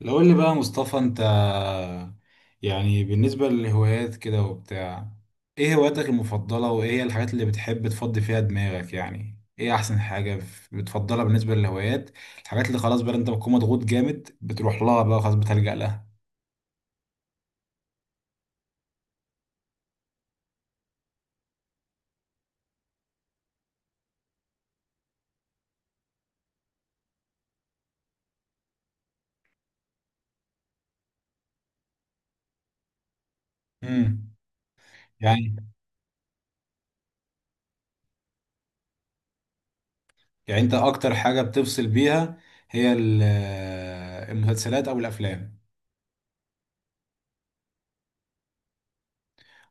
لو قول لي بقى يا مصطفى، انت يعني بالنسبة للهوايات كده وبتاع، ايه هواياتك المفضلة وايه هي الحاجات اللي بتحب تفضي فيها دماغك؟ يعني ايه احسن حاجة بتفضلها بالنسبة للهوايات؟ الحاجات اللي خلاص بقى انت بتكون مضغوط جامد بتروح لها بقى، خلاص بتلجأ لها. امم. يعني، يعني انت اكتر حاجة بتفصل بيها هي المسلسلات او الافلام؟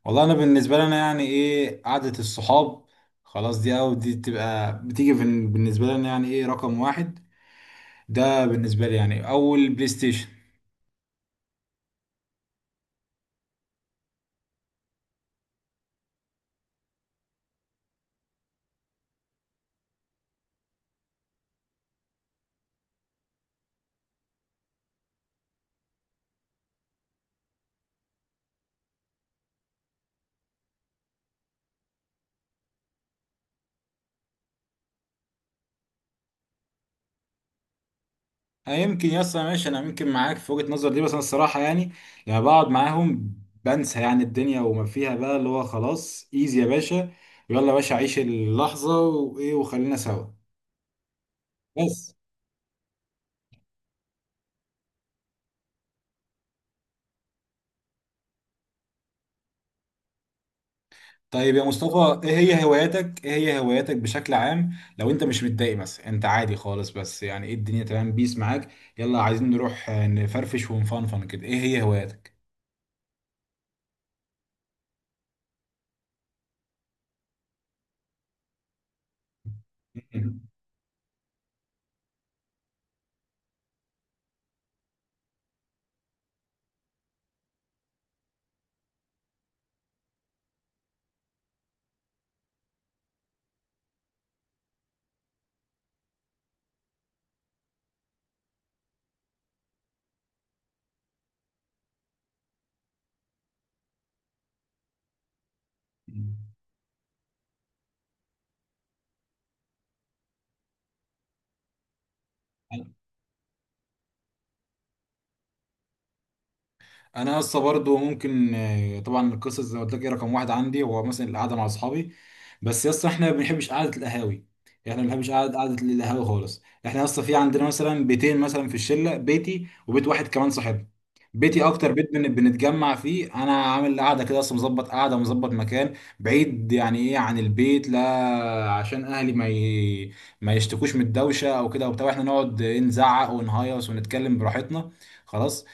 والله انا بالنسبه لي انا يعني ايه قعده الصحاب، خلاص دي او دي بتبقى بتيجي بالنسبه لي انا يعني ايه رقم واحد. ده بالنسبه لي يعني اول بلاي ستيشن. أه يمكن يا اسطى ماشي، انا يمكن معاك في وجهه نظر دي، بس انا الصراحه يعني لما بقعد معاهم بنسى يعني الدنيا وما فيها بقى، اللي هو خلاص ايزي يا باشا، يلا يا باشا عيش اللحظه وايه وخلينا سوا. بس. طيب يا مصطفى ايه هي هواياتك، ايه هي هواياتك بشكل عام؟ لو انت مش متضايق مثلا، انت عادي خالص بس يعني ايه الدنيا تمام بيس معاك، يلا عايزين نروح نفرفش ونفنفن كده، ايه هي هواياتك؟ انا لسه برضه ممكن طبعا القصص زي ما قلت لك إيه رقم واحد عندي هو مثلا القعده مع اصحابي. بس لسه احنا ما بنحبش قعده القهاوي، احنا ما بنحبش قعده القهاوي خالص. احنا لسه في عندنا مثلا بيتين مثلا في الشله، بيتي وبيت واحد كمان صاحبي. بيتي اكتر بيت بنتجمع فيه، انا عامل قاعده كده اصلا، مظبط قاعده ومظبط مكان بعيد يعني ايه عن البيت لا عشان اهلي ما يشتكوش من الدوشه او كده وبتاع. احنا نقعد إيه، نزعق ونهيص ونتكلم براحتنا. خلاص.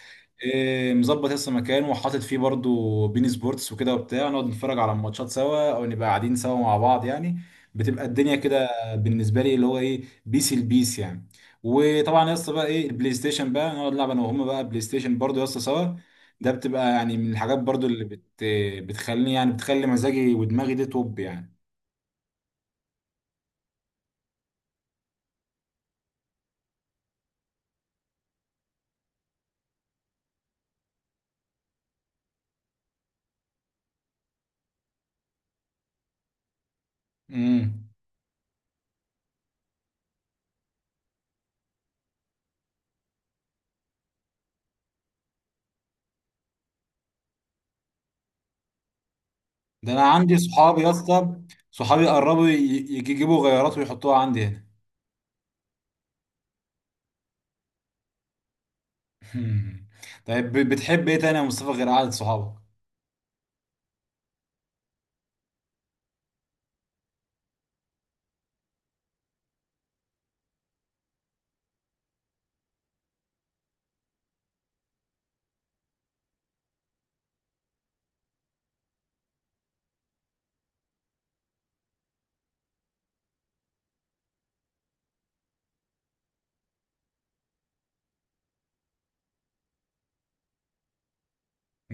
إيه، مظبط لسه مكان وحاطط فيه برضو بين سبورتس وكده وبتاع، نقعد نتفرج على الماتشات سوا او نبقى قاعدين سوا مع بعض يعني. بتبقى الدنيا كده بالنسبه لي، اللي هو ايه بيس البيس يعني. وطبعا يا اسطى بقى ايه البلاي ستيشن بقى، نقعد نلعب انا وهم بقى بلاي ستيشن برضو يا اسطى سوا. ده بتبقى يعني من الحاجات برضو اللي بتخليني، يعني بتخلي مزاجي ودماغي دي توب يعني. امم. ده انا عندي صحابي يا اسطى، صحابي قربوا يجيبوا غيارات ويحطوها عندي هنا. مم. طيب بتحب ايه تاني يا مصطفى غير قعدة صحابك؟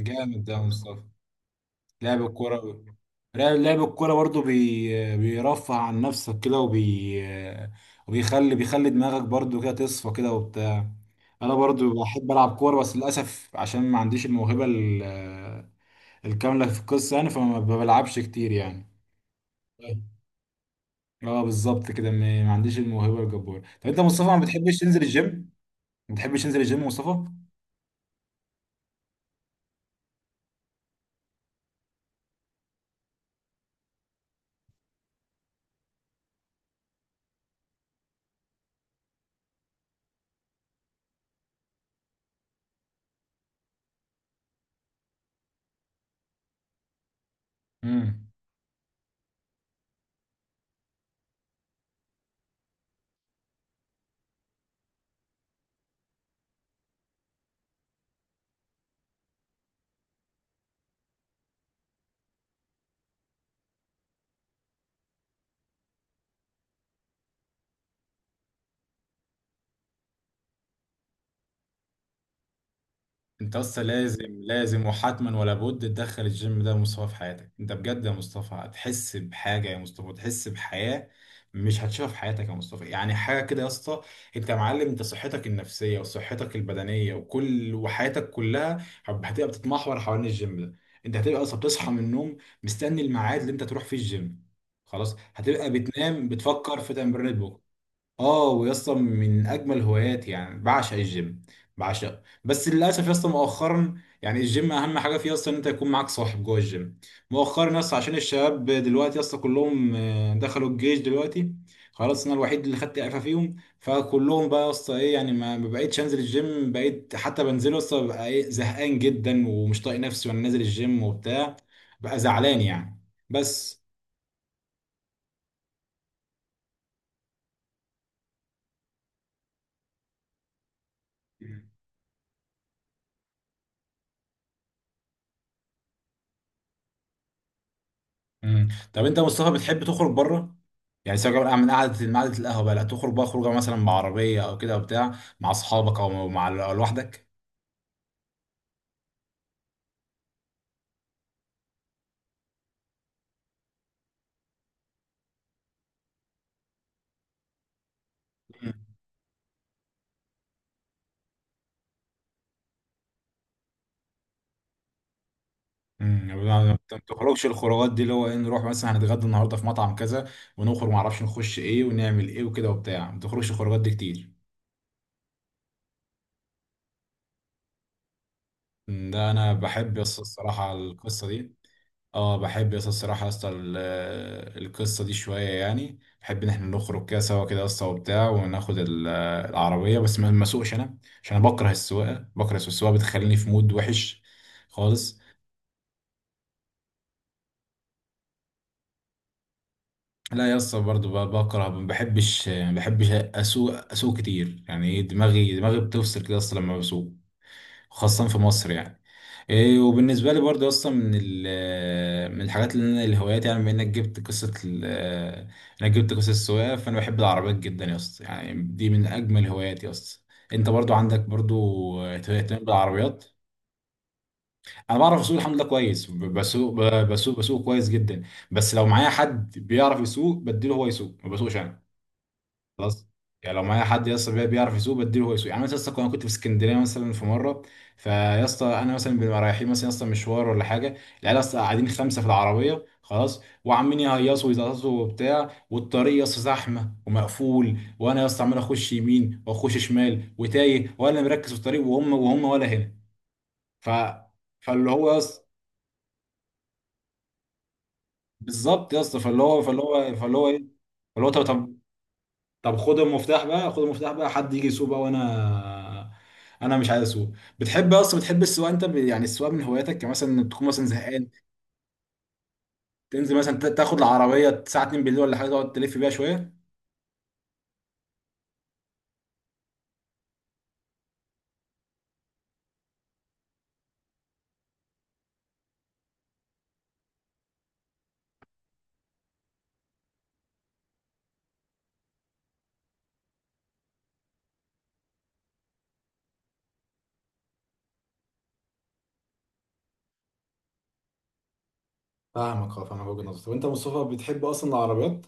جامد ده يا مصطفى، لعب الكورة. لعب الكورة برضو بيرفع عن نفسك كده وبي، وبيخلي دماغك برضو كده تصفى كده وبتاع. انا برضو بحب العب كورة بس للاسف عشان ما عنديش الموهبة الكاملة في القصة يعني، فما بلعبش كتير يعني. اه بالظبط كده، ما عنديش الموهبة الجبارة. طب انت يا مصطفى ما بتحبش تنزل الجيم؟ ما بتحبش تنزل الجيم يا مصطفى؟ امم. انت اصلا لازم لازم وحتما ولا بد تدخل الجيم ده يا مصطفى في حياتك، انت بجد يا مصطفى هتحس بحاجه يا مصطفى، تحس بحياه مش هتشوفها في حياتك يا مصطفى، يعني حاجه كده يا اسطى. انت يا معلم، انت صحتك النفسيه وصحتك البدنيه وكل وحياتك كلها هتبقى بتتمحور حوالين الجيم ده. انت هتبقى اصلا بتصحى من النوم مستني الميعاد اللي انت تروح فيه الجيم. خلاص هتبقى بتنام بتفكر في تمرين بكره. اه ويا اسطى من اجمل هواياتي يعني، بعشق الجيم. بس للاسف يا اسطى مؤخرا يعني، الجيم اهم حاجه فيه اصلا ان انت يكون معاك صاحب جوه الجيم. مؤخرا يا اسطى عشان الشباب دلوقتي يا اسطى كلهم دخلوا الجيش دلوقتي. خلاص انا الوحيد اللي خدت اعفاء فيهم، فكلهم بقى يا اسطى ايه يعني، ما بقيتش انزل الجيم، بقيت حتى بنزله يا اسطى ببقى ايه زهقان جدا ومش طايق نفسي وانا نازل الجيم وبتاع. بقى زعلان يعني. بس. مم. طب انت يا مصطفى بتحب تخرج بره، يعني سواء بقى من قعده القهوه بقى، لا تخرج بقى خروجه مثلا بعربيه او كده او بتاع مع اصحابك او مع أو لوحدك؟ ما بتخرجش الخروجات دي اللي هو ايه، نروح مثلا هنتغدى النهارده في مطعم كذا، ونخرج معرفش نخش ايه ونعمل ايه وكده وبتاع، ما بتخرجش الخروجات دي كتير؟ ده انا بحب الصراحه القصه دي. اه بحب يس الصراحة يا اسطى، القصة دي شوية. يعني بحب ان احنا نخرج كده سوا كده يا اسطى وبتاع، وناخد العربية، بس ما اسوقش انا عشان انا بكره السواقة بتخليني في مود وحش خالص. لا يا اسطى برضه بكره، ما بحبش اسوق كتير يعني، دماغي بتفصل كده يا اسطى لما بسوق، خاصة في مصر يعني. إيه وبالنسبة لي برضه أصلا من من الحاجات اللي أنا الهوايات، يعني بما إنك جبت قصة إنك جبت قصة السواقة، فأنا بحب العربيات جدا يا اسطى، يعني دي من أجمل هواياتي أصلا. أنت برضه عندك برضه اهتمام بالعربيات؟ أنا بعرف أسوق الحمد لله كويس، بسوق كويس جدا. بس لو معايا حد بيعرف يسوق بديله هو يسوق، ما بسوقش أنا. خلاص. يعني لو معايا حد يا اسطى بيعرف يسوق بديله هو يسوق. يعني مثلا يا اسطى انا كنت في اسكندريه مثلا في مره، فيا اسطى انا مثلا بنبقى رايحين مثلا يا اسطى مشوار ولا حاجه، العيال اصلا قاعدين خمسه في العربيه خلاص وعمالين يهيصوا ويزقطوا وبتاع، والطريق يا اسطى زحمه ومقفول، وانا يا اسطى عمال اخش يمين واخش شمال وتايه ولا مركز في الطريق، وهم ولا هنا. ف فاللي هو يا اسطى بالظبط يا اسطى، فاللي هو ايه، فاللي هو طب، طب خد المفتاح بقى، حد يجي يسوق بقى، وانا مش عايز اسوق. بتحب اصلا، بتحب السواقه انت يعني السواقه من هواياتك، يعني مثلا تكون مثلا زهقان تنزل مثلا تاخد العربيه الساعه 2 بالليل ولا حاجه تقعد تلف بيها شويه؟ فاهمك، اه فاهمك وجهة نظرك. طب انت يا مصطفى بتحب اصلا العربيات؟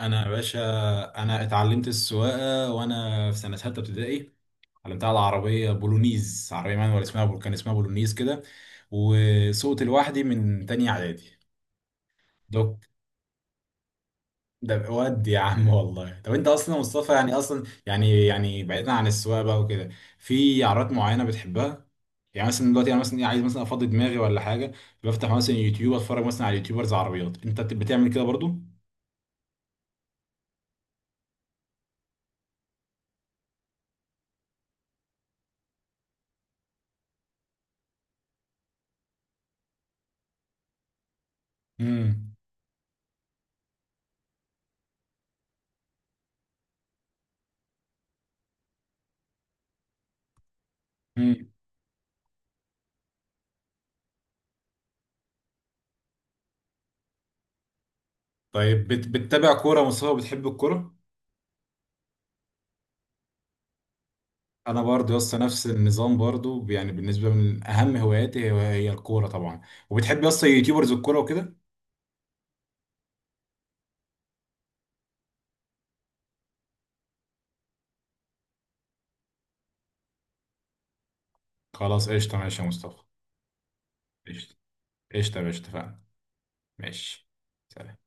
انا يا باشا، انا اتعلمت السواقه وانا في سنه ثالثه ابتدائي، اتعلمتها على عربيه بولونيز، عربيه مانوال اسمها بول، كان اسمها بولونيز كده. وسوقت لوحدي من تانية اعدادي. ده ده ود يا عم والله. طب انت اصلا يا مصطفى، يعني اصلا، يعني بعيدا عن السواقه بقى وكده، في عربيات معينه بتحبها؟ يعني مثلا دلوقتي انا مثلا ايه عايز مثلا افضي دماغي ولا حاجه، بفتح مثلا يوتيوب اتفرج مثلا على يوتيوبرز عربيات، انت بتعمل كده برضو؟ امم، امم. طيب بتتابع كوره يا مصطفى؟ بتحب الكوره؟ انا برضو يا اسطى نفس النظام برضو، يعني بالنسبه من اهم هواياتي هي الكوره طبعا. وبتحب يا اسطى يوتيوبرز الكوره وكده؟ خلاص قشطه، ماشي يا مصطفى. قشطه. قشطه يا باشا، اتفقنا. ماشي. سلام.